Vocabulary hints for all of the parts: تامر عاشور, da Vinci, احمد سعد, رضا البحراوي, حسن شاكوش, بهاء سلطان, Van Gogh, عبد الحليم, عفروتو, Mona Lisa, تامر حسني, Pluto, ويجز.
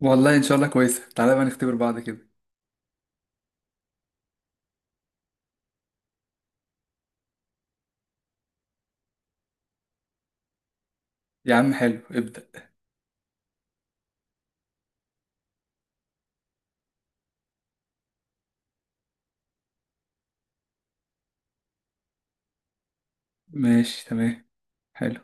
والله ان شاء الله كويسه. تعالى بقى نختبر بعض كده. يا عم حلو، ابدا. ماشي، تمام، حلو.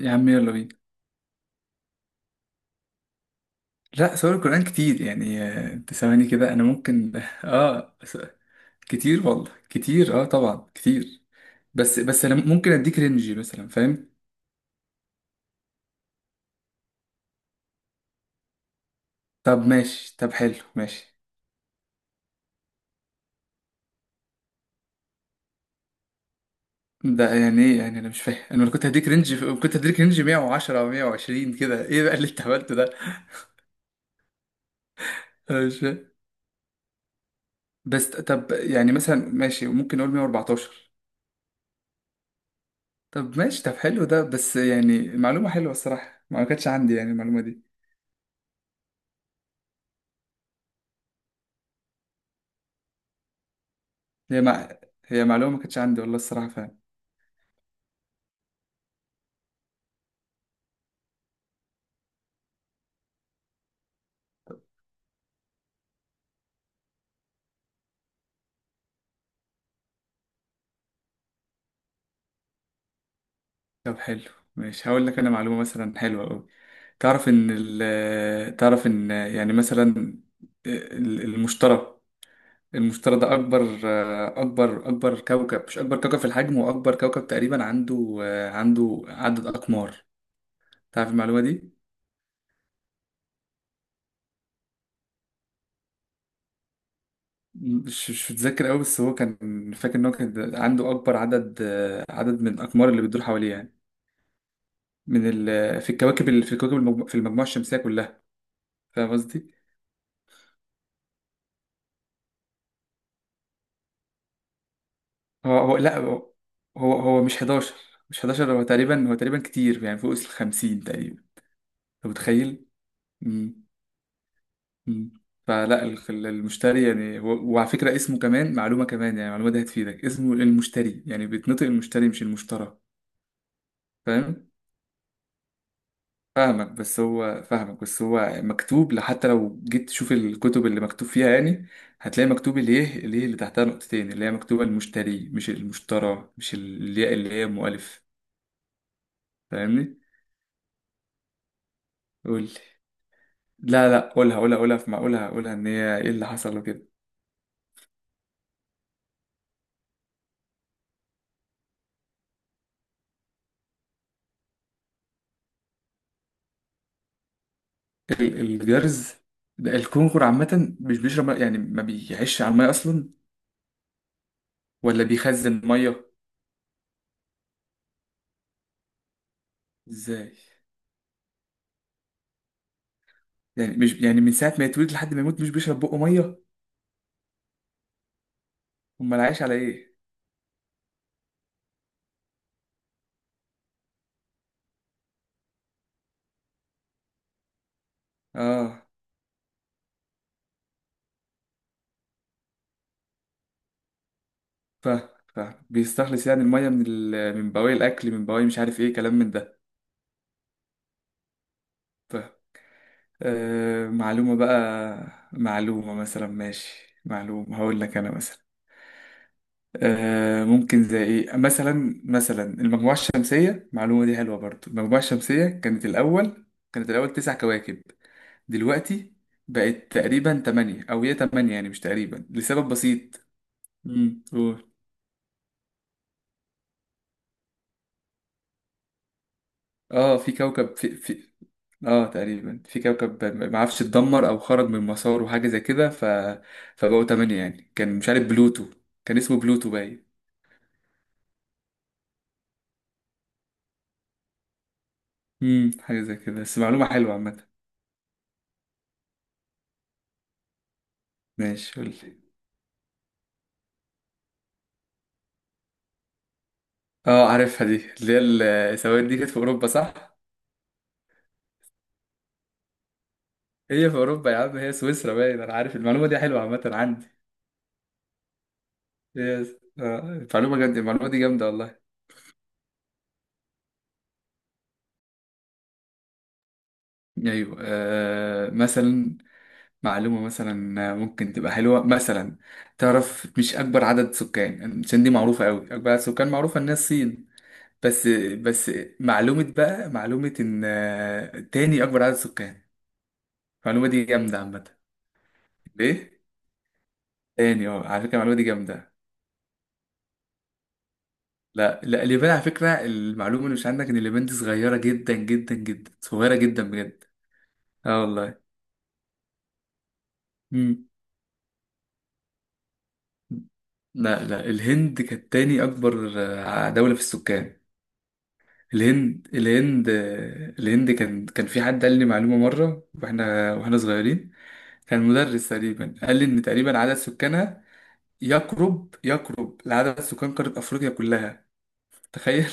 يا عم يلا بينا. لا، سور القران كتير يعني، انت ثواني كده انا ممكن اه كتير والله كتير، اه طبعا كتير. بس انا ممكن اديك رينج مثلا، فاهم؟ طب ماشي، طب حلو ماشي. ده يعني ايه؟ يعني انا مش فاهم. انا لو كنت هديك رينج كنت هديك رينج 110 او 120 كده، ايه بقى اللي انت عملته ده؟ انا مش فاهم. بس طب، يعني مثلا ماشي، ممكن نقول 114. طب ماشي، طب حلو ده، بس يعني معلومة حلوة الصراحة، ما كانتش عندي يعني المعلومة دي. هي مع... هي معلومة ما كانتش عندي والله الصراحة فعلا. طب حلو ماشي، هقول لك أنا معلومة مثلا حلوة أوي. تعرف إن يعني مثلا ال- المشتري المشتري ده أكبر، أكبر كوكب، مش أكبر كوكب في الحجم، وأكبر كوكب تقريبا عنده عدد أقمار. تعرف المعلومة دي؟ مش متذكر قوي، بس هو كان فاكر ان هو كان عنده اكبر عدد، عدد من الاقمار اللي بتدور حواليه يعني، في المجموعه الشمسيه كلها. فاهم قصدي؟ هو لا، هو. هو مش 11، مش 11، هو تقريبا كتير يعني فوق ال 50 تقريبا. انت متخيل؟ مم. مم. فلا المشتري يعني، وعلى فكره اسمه كمان معلومه كمان، يعني المعلومه دي هتفيدك. اسمه المشتري يعني، بيتنطق المشتري مش المشترى. فاهم فاهمك، بس هو مكتوب، حتى لو جيت تشوف الكتب اللي مكتوب فيها يعني، هتلاقي مكتوب الايه اللي تحتها نقطتين، اللي هي مكتوبة المشتري مش المشترى، مش الياء اللي هي مؤلف. فاهمني؟ قول لي. لا لا، قولها قولها قولها، في معقولها قولها، ان هي ايه اللي حصل وكده. الجرز. ده الكونغر عامة مش بيشرب مية، يعني ما بيعيش على المية اصلا، ولا بيخزن مية. ازاي؟ يعني مش يعني من ساعة ما يتولد لحد ما يموت مش بيشرب بقه مية؟ امال عايش على ايه؟ اه، فاهم، فاهم. بيستخلص يعني المية من ال... من بواقي الأكل، من بواقي مش عارف إيه كلام من ده. فاهم. معلومة بقى، معلومة مثلا ماشي، معلومة هقول لك أنا مثلا، ممكن زي إيه مثلا؟ مثلا المجموعة الشمسية، المعلومة دي حلوة برضو. المجموعة الشمسية كانت الأول تسع كواكب، دلوقتي بقت تقريبا تمانية، أو هي تمانية يعني مش تقريبا، لسبب بسيط. امم، قول. اه، في كوكب، في في اه تقريبا في كوكب ما عرفش اتدمر او خرج من مساره، وحاجه زي كده، فبقوا تمانية. يعني كان، مش عارف، بلوتو كان اسمه بلوتو باين. امم، حاجه زي كده، بس معلومه حلوه عامه. ماشي قول لي. اه عارفها دي، اللي هي السواد دي كانت في اوروبا صح؟ هي في اوروبا يا عم، هي سويسرا باين. انا عارف المعلومه دي، حلوه عامه عندي. يس اه. المعلومه جامده، المعلومه دي جامده والله. ايوه، مثلا معلومة مثلا ممكن تبقى حلوة مثلا، تعرف، مش أكبر عدد سكان، عشان دي معروفة أوي، أكبر عدد سكان معروفة إن هي الصين، بس بس معلومة بقى، معلومة إن تاني أكبر عدد سكان، المعلومة دي جامدة عامة. ليه؟ تاني، أه على فكرة المعلومة دي جامدة. لا لا، اليابان، على فكرة المعلومة اللي مش عندك، إن اليابان دي صغيرة جدا جدا جدا، صغيرة جدا بجد. أه والله. مم. لا لا، الهند كانت تاني أكبر، دولة في السكان. الهند، الهند، الهند. كان في حد قال لي معلومة مرة واحنا صغيرين، كان مدرس تقريبا، قال لي ان تقريبا عدد سكانها يقرب يقرب لعدد سكان قارة افريقيا كلها. تخيل.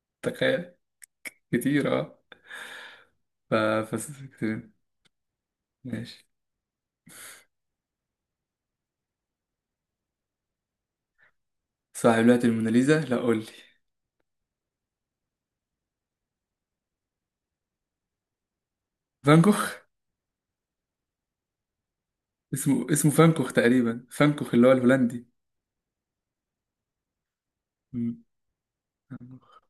تخيل، كتير اه. ف ف كتير. ماشي. صاحب لوحة الموناليزا، لا قول لي. فان كوخ. اسمه، اسمه فانكوخ تقريبا، فانكوخ اللي هو الهولندي. مم. فان كوخ.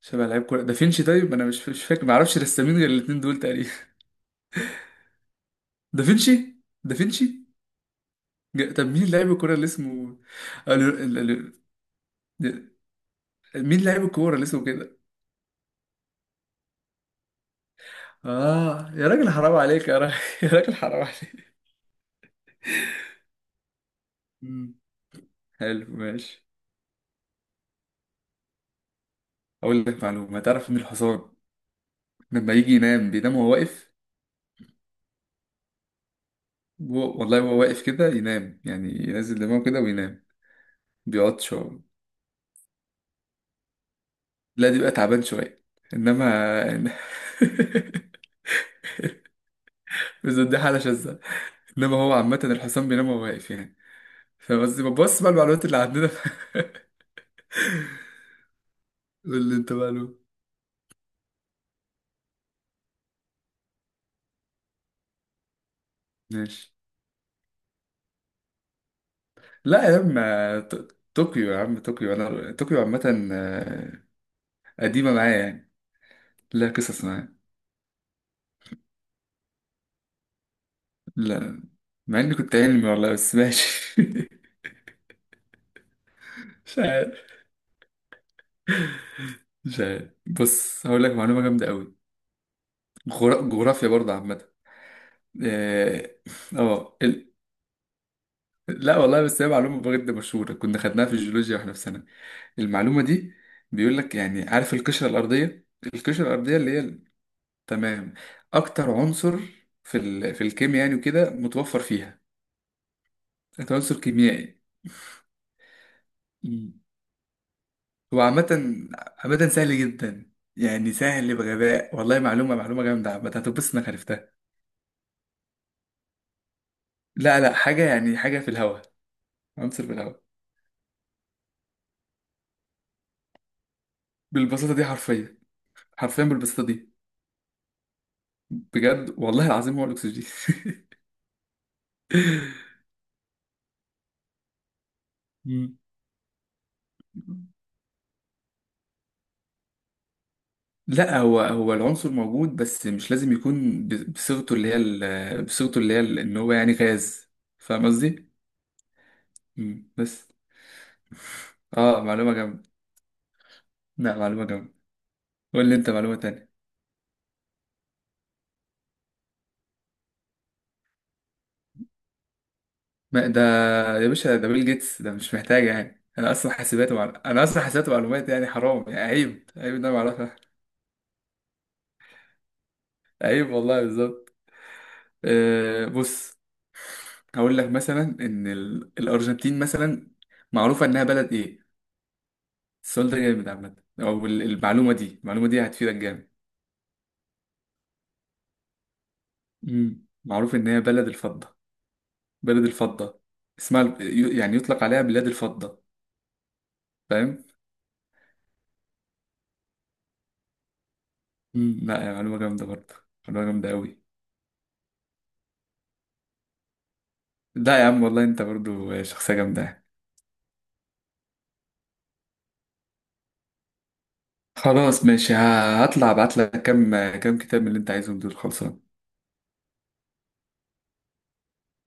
شبه لعيب كورة، دافينشي. طيب انا مش فاكر، ما اعرفش رسامين غير الاتنين دول تقريبا. دافينشي، دافينشي. طب مين لاعب الكورة اللي اسمه، قالوا قالوا- مين لاعب الكورة اللي اسمه كده؟ اه يا راجل حرام عليك، يا راجل، يا راجل حرام عليك. مم. حلو ماشي. اقول لك معلومة، تعرف ان الحصان لما يجي ينام بينام وهو واقف. والله هو واقف كده ينام، يعني ينزل دماغه كده وينام. بيقعد شوية، لا دي بقى تعبان شوية، انما، بس دي حالة شاذة، انما هو عامة الحصان بينام وهو واقف يعني. فبس بص بقى، المعلومات اللي عندنا. قول لي انت بقى. ماشي. لا يا عم، طوكيو يا عم، طوكيو، انا طوكيو عامة، قديمة معايا يعني. لا، قصص معايا. لا، مع اني كنت علمي والله، بس ماشي. مش عارف، مش عارف. بص هقول لك معلومة جامدة قوي، جغرا- جغرافيا برضه عامة. اه. آه، ال... لا والله، بس هي معلومة بجد مشهورة، كنا خدناها في الجيولوجيا واحنا في سنة، المعلومة دي بيقول لك يعني، عارف القشرة الأرضية، القشرة الأرضية اللي هي، تمام، اكتر عنصر في ال... في الكيمياء يعني وكده، متوفر فيها. أكتر عنصر كيميائي. مم. هو عامة، عامة سهل جدا يعني، سهل بغباء والله، معلومة، معلومة جامدة عامة، هتتبسط انك عرفتها. لا لا، حاجة، يعني حاجة في الهواء، عنصر في الهواء. بالبساطة دي حرفيا. حرفيا بالبساطة دي. بجد والله العظيم، هو الأكسجين. مم. لا، هو العنصر موجود، بس مش لازم يكون بصيغته اللي هي ان هو يعني غاز. فاهم قصدي؟ مم. بس اه، معلومة جامدة. لا، معلومة جامدة. قول لي انت معلومة تانية. ما ده يا باشا، ده بيل جيتس، ده مش محتاج يعني، انا اصلا حاسبات ومعلومات يعني، حرام يعني، عيب، عيب ان انا ما اعرفها. عيب والله بالظبط. بص، هقول لك مثلا ان الارجنتين مثلا، معروفة انها بلد ايه. السؤال ده جامد عامة، او المعلومة دي هتفيدك جامد. مم. معروف ان هي بلد الفضة. بلد الفضة، اسمها يعني يطلق عليها بلاد الفضة. فاهم. مم، لا يا، معلومة جامدة برضه. معلومة جامدة أوي. لا يا عم والله، أنت برضه شخصية جامدة. خلاص ماشي، هطلع أبعت لك كام كتاب من اللي أنت عايزهم دول، خلصان.